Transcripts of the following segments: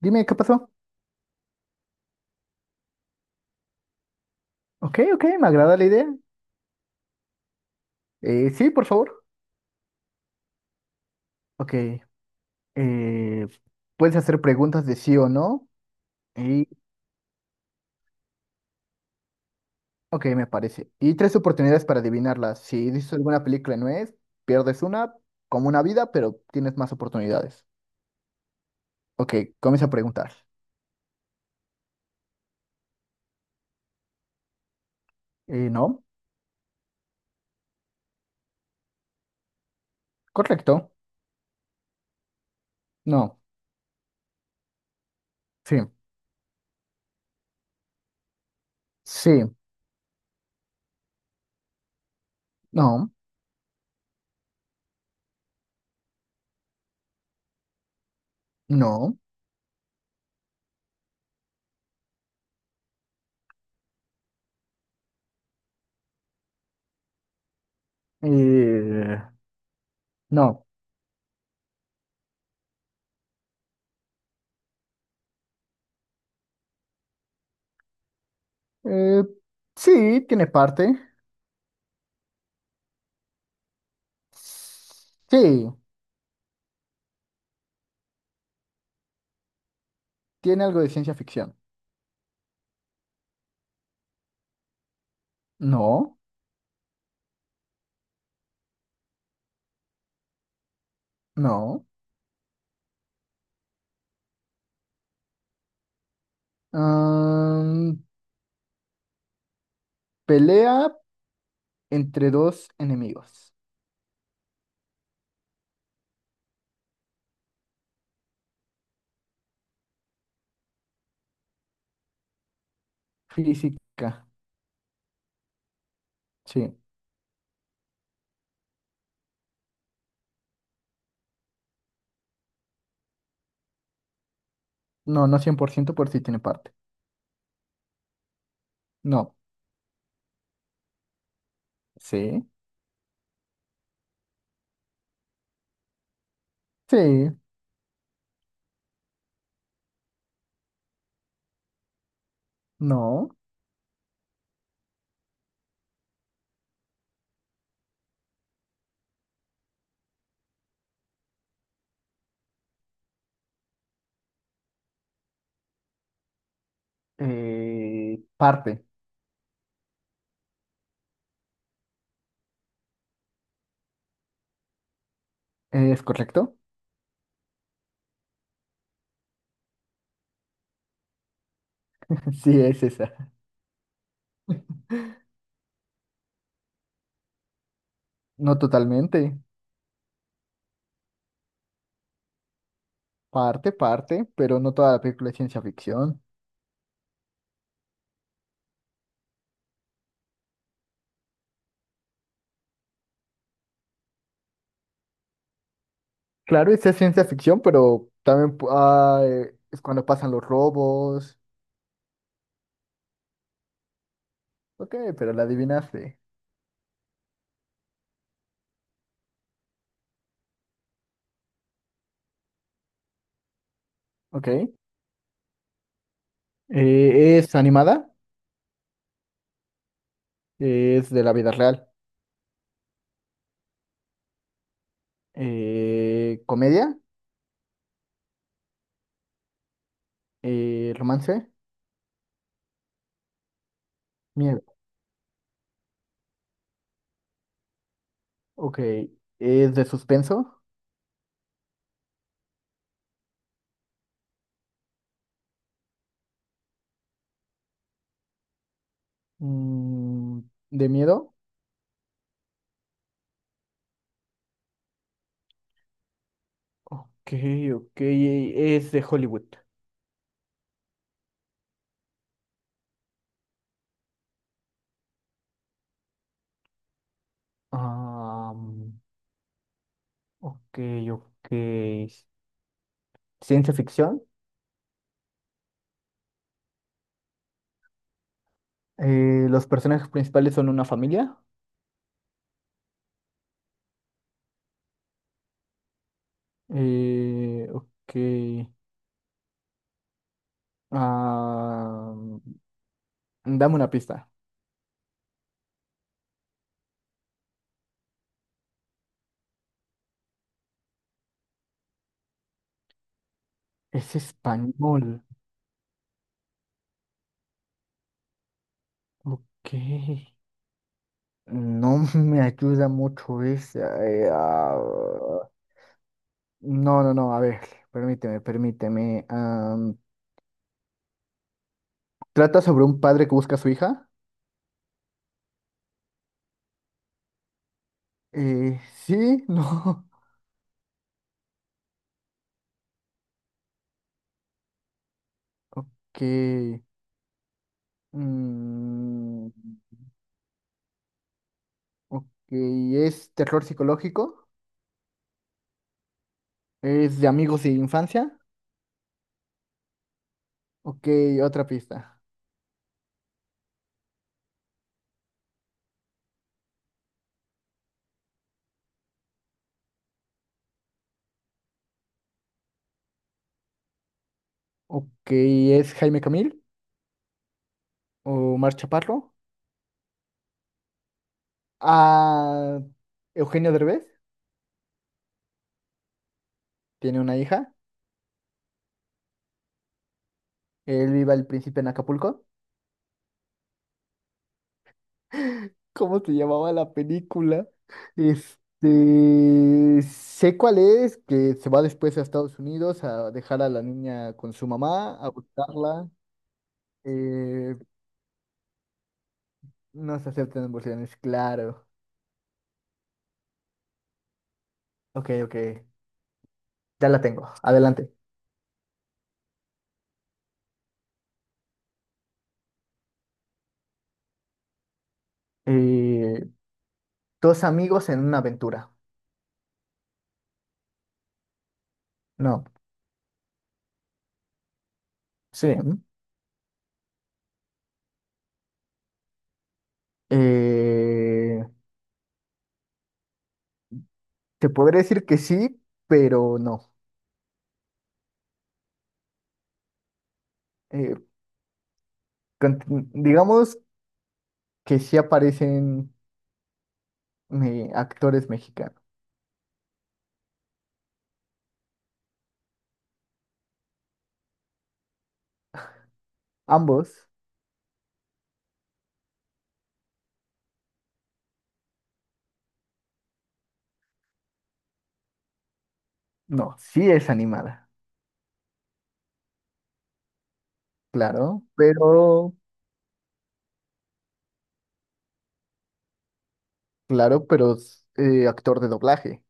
Dime, ¿qué pasó? Ok, ok, me agrada la idea. Sí, por favor. Ok. eh, Puedes hacer preguntas de sí o no. Y, ok, me parece. Y tres oportunidades para adivinarlas. Si dices alguna película no es, pierdes una, como una vida, pero tienes más oportunidades. Ok, comienza a preguntar. No, correcto. No, sí, sí, no, no, eh, no. Eh, sí, tiene parte. Sí, tiene algo de ciencia ficción. No, no. Am, Pelea entre dos enemigos. Física, sí. No, no 100% por ciento por si tiene parte. No, sí, sí, no. Parte, ¿es correcto? Sí, es esa. No totalmente. Parte, parte, pero no toda la película es ciencia ficción. Claro, esa es ciencia ficción, pero también es cuando pasan los robos. Ok, pero la adivinaste. Ok. Es animada, es de la vida real. Comedia, romance, miedo. Ok, es de suspenso, mm, de miedo. Ok, ok, es de Hollywood. Am, ok, ok. Ciencia ficción. Los personajes principales son una familia. Ok. am, Dame una pista. Es español. Ok. No me ayuda mucho esa. No, no, no, a ver, permíteme. ¿Trata sobre un padre que busca a su hija? Sí, no. Ok. mm, ok, ¿es terror psicológico? ¿Es de amigos de infancia? Ok, otra pista. Ok, ¿es Jaime Camil o Mar Chaparro? Ah, Eugenio Derbez tiene una hija. Él vive al principio en Acapulco. ¿Cómo se llamaba la película? Este, sé cuál es, que se va después a Estados Unidos a dejar a la niña con su mamá, a buscarla. Eh, no se aceptan emociones, claro. Ok, ok, ya la tengo, adelante. Eh, Dos amigos en una aventura. No, sí. ¿m? Eh, Te podría decir que sí, pero no. Eh, cont- digamos que sí aparecen actores mexicanos. Ambos, no, sí es animada, claro, pero, claro, pero es, actor de doblaje.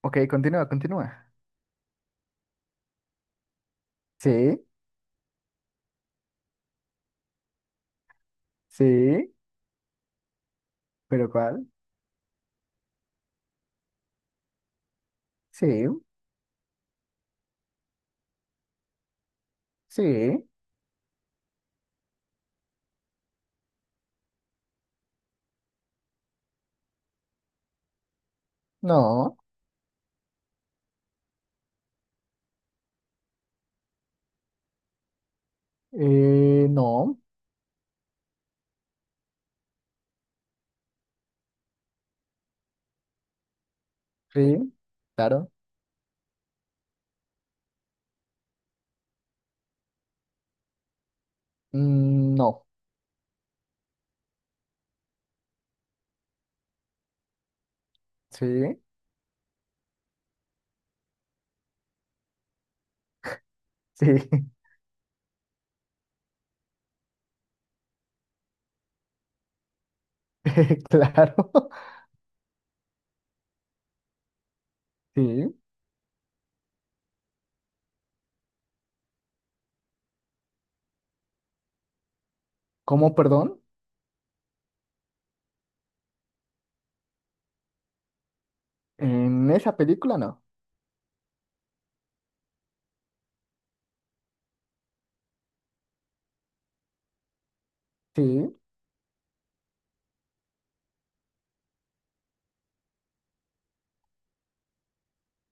Ok, continúa, continúa. Sí, sí, pero ¿cuál? Sí, sí, no, no, sí, claro, no, sí, sí, claro, sí. ¿Cómo, perdón? En esa película no. Sí,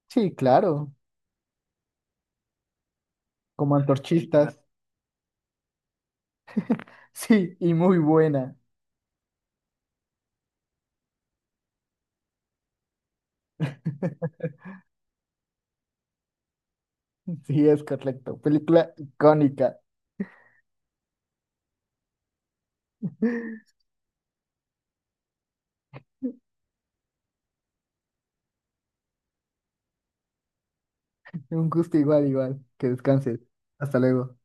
sí, claro, como antorchistas, sí, y muy buena. Sí, es correcto. Película icónica. Un gusto igual, igual. Que descanses. Hasta luego.